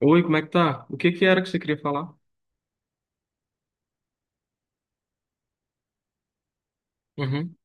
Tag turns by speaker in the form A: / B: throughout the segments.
A: Oi, como é que tá? O que que era que você queria falar? Uhum,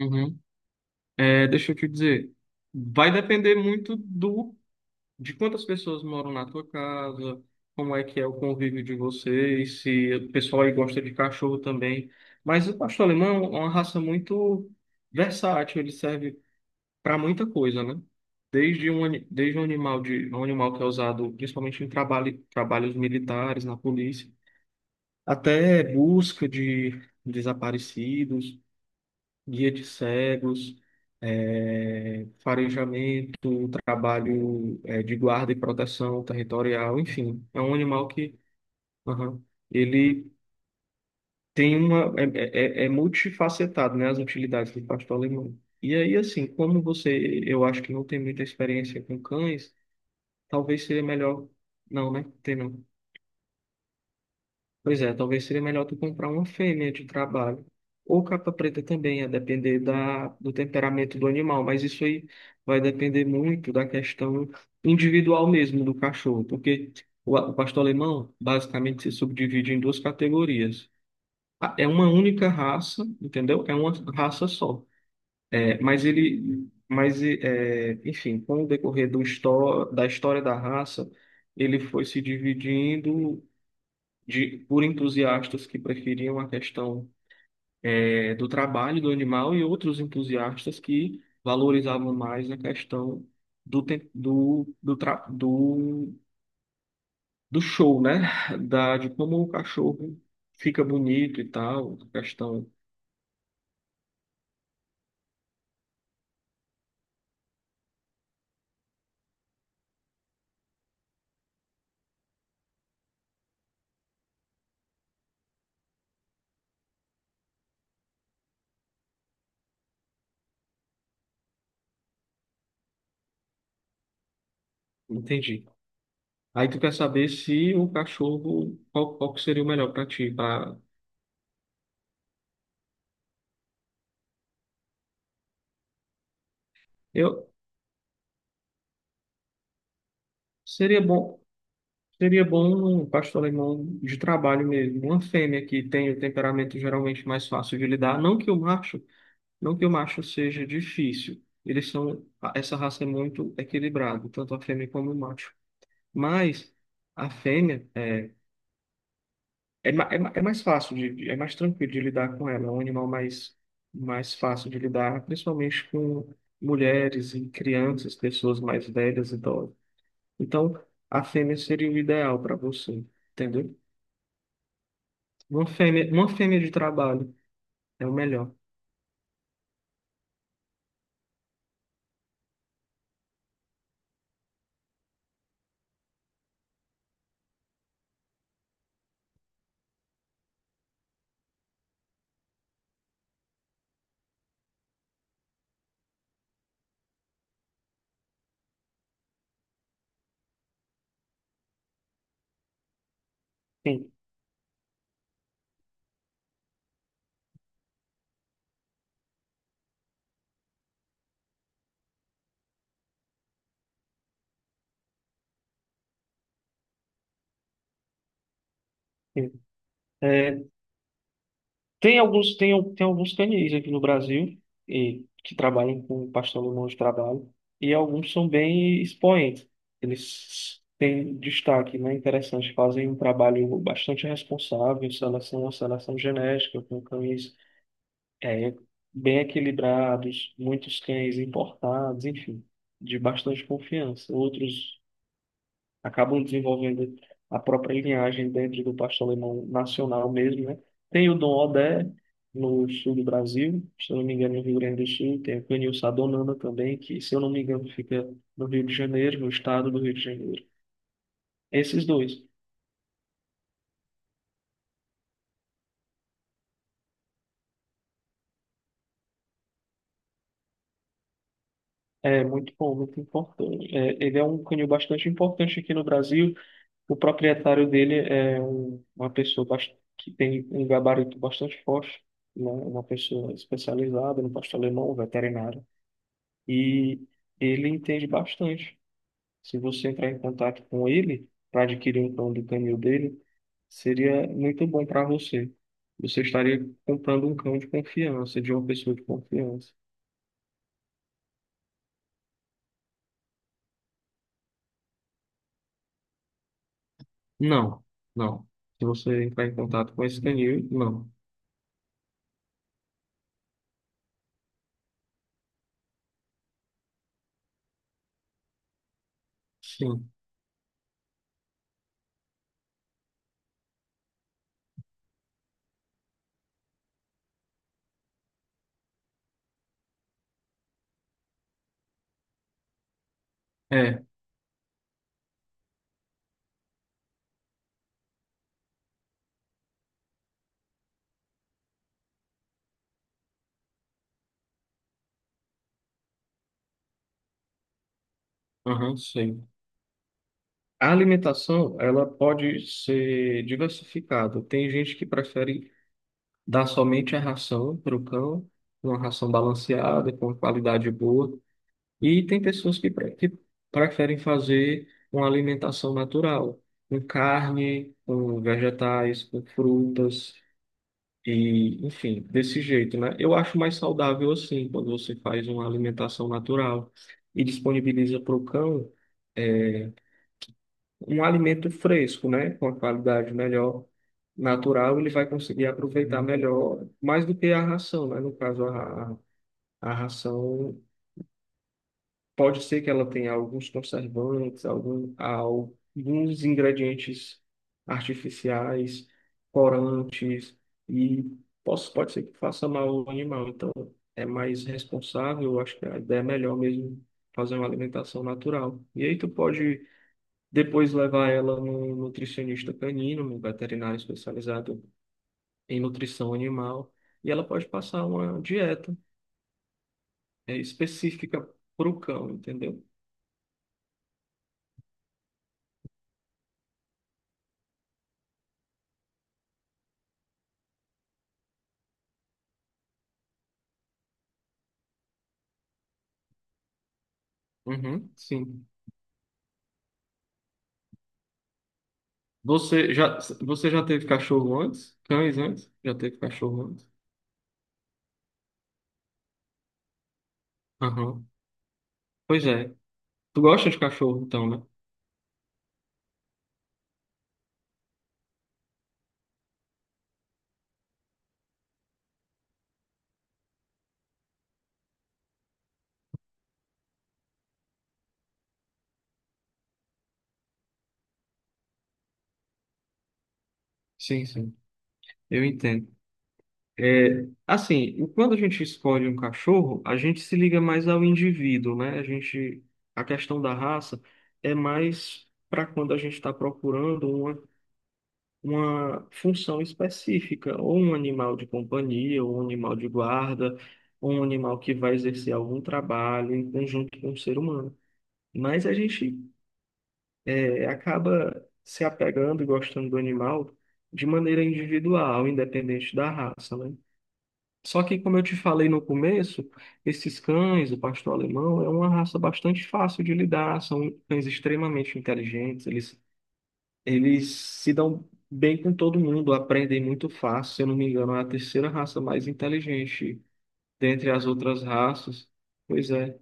A: uhum. É, deixa eu te dizer, vai depender muito do de quantas pessoas moram na tua casa, como é que é o convívio de vocês, se o pessoal aí gosta de cachorro também. Mas o pastor alemão é uma raça muito versátil, ele serve para muita coisa, né? Desde um animal que é usado principalmente em trabalho, trabalhos militares, na polícia, até busca de desaparecidos, guia de cegos, farejamento, trabalho, de guarda e proteção territorial, enfim, é um animal que, aham, ele tem uma é, é, é é multifacetado, né, as utilidades do pastor alemão. E aí, assim, como você, eu acho que não tem muita experiência com cães, talvez seria melhor, não, né? Tem não. Pois é, talvez seria melhor tu comprar uma fêmea de trabalho. Ou capa preta também, a depender do temperamento do animal. Mas isso aí vai depender muito da questão individual mesmo do cachorro. Porque o pastor alemão basicamente se subdivide em duas categorias. É uma única raça, entendeu? É uma raça só. É, enfim, com o decorrer do histó da história da raça, ele foi se dividindo por entusiastas que preferiam a questão, do trabalho do animal, e outros entusiastas que valorizavam mais a questão do, tem- do, do, tra- do, do show, né? De como o cachorro fica bonito e tal, questão, entendi. Aí tu quer saber se o cachorro, qual que seria o melhor para ti, para eu seria bom seria bom um pastor alemão de trabalho mesmo, uma fêmea que tem o temperamento geralmente mais fácil de lidar, não que o macho seja difícil. Essa raça é muito equilibrada, tanto a fêmea como o macho. Mas a fêmea é mais fácil é mais tranquilo de lidar com ela, é um animal mais fácil de lidar, principalmente com mulheres e crianças, pessoas mais velhas, idosas. Então, a fêmea seria o ideal para você, entendeu? Uma fêmea de trabalho é o melhor. Sim, sim. É, tem alguns canis aqui no Brasil, que trabalham com pastor alemão de trabalho, e alguns são bem expoentes. Eles têm destaque, né? Interessante, fazem um trabalho bastante responsável, uma seleção genética com cães, é, bem equilibrados, muitos cães importados, enfim, de bastante confiança. Outros acabam desenvolvendo a própria linhagem dentro do pastor alemão nacional mesmo, né? Tem o Dom Odé no sul do Brasil, se eu não me engano, no Rio Grande do Sul, tem o Canil Sadonana também, que, se eu não me engano, fica no Rio de Janeiro, no estado do Rio de Janeiro. Esses dois. É muito bom, muito importante. É, ele é um canil bastante importante aqui no Brasil. O proprietário dele é uma pessoa que tem um gabarito bastante forte, né? Uma pessoa especializada no pastor alemão, um veterinário, e ele entende bastante. Se você entrar em contato com ele para adquirir um cão do canil dele, seria muito bom para você. Você estaria comprando um cão de confiança, de uma pessoa de confiança. Não, não. Se você entrar em contato com esse canil, não. Sim. É, aham, sei. A alimentação, ela pode ser diversificada. Tem gente que prefere dar somente a ração para o cão, uma ração balanceada, com qualidade boa. E tem pessoas que preferem fazer uma alimentação natural, com carne, com vegetais, com frutas, e enfim, desse jeito, né? Eu acho mais saudável assim, quando você faz uma alimentação natural e disponibiliza para o cão um alimento fresco, né? Com a qualidade melhor, natural, ele vai conseguir aproveitar melhor, mais do que a ração, né? No caso, a ração. Pode ser que ela tenha alguns conservantes, alguns ingredientes artificiais, corantes, e pode ser que faça mal ao animal. Então, é mais responsável, eu acho que a ideia é melhor mesmo fazer uma alimentação natural. E aí tu pode depois levar ela num nutricionista canino, num veterinário especializado em nutrição animal, e ela pode passar uma dieta, específica para o cão, entendeu? Uhum, sim. Você já teve cachorro antes? Cães antes? Já teve cachorro antes? Aham. Pois é. Tu gosta de cachorro, então, né? Sim, sim. Eu entendo. É, assim, quando a gente escolhe um cachorro, a gente se liga mais ao indivíduo, né? A questão da raça é mais para quando a gente está procurando uma função específica, ou um animal de companhia, ou um animal de guarda, ou um animal que vai exercer algum trabalho em conjunto com o ser humano. Mas a gente, acaba se apegando e gostando do animal de maneira individual, independente da raça, né? Só que, como eu te falei no começo, esses cães, o pastor alemão, é uma raça bastante fácil de lidar, são cães extremamente inteligentes, eles se dão bem com todo mundo, aprendem muito fácil, se eu não me engano, é a terceira raça mais inteligente dentre as outras raças. Pois é.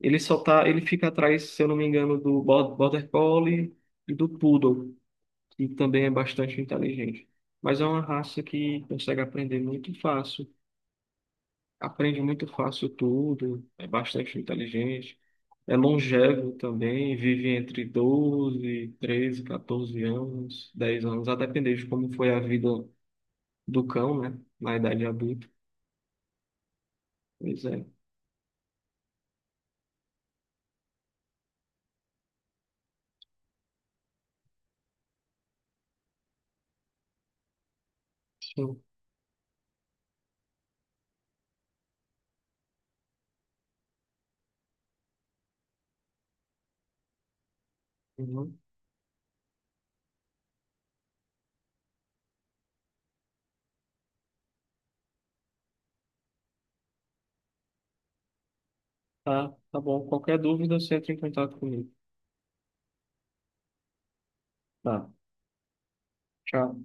A: Ele fica atrás, se eu não me engano, Border Collie e do Poodle, que também é bastante inteligente. Mas é uma raça que consegue aprender muito fácil. Aprende muito fácil tudo, é bastante inteligente. É longevo também, vive entre 12, 13, 14 anos, 10 anos, a depender de como foi a vida do cão, né? Na idade adulta. Pois é. Sim. Uhum. Tá, tá bom. Qualquer dúvida, você entra em contato comigo. Tá. Tchau.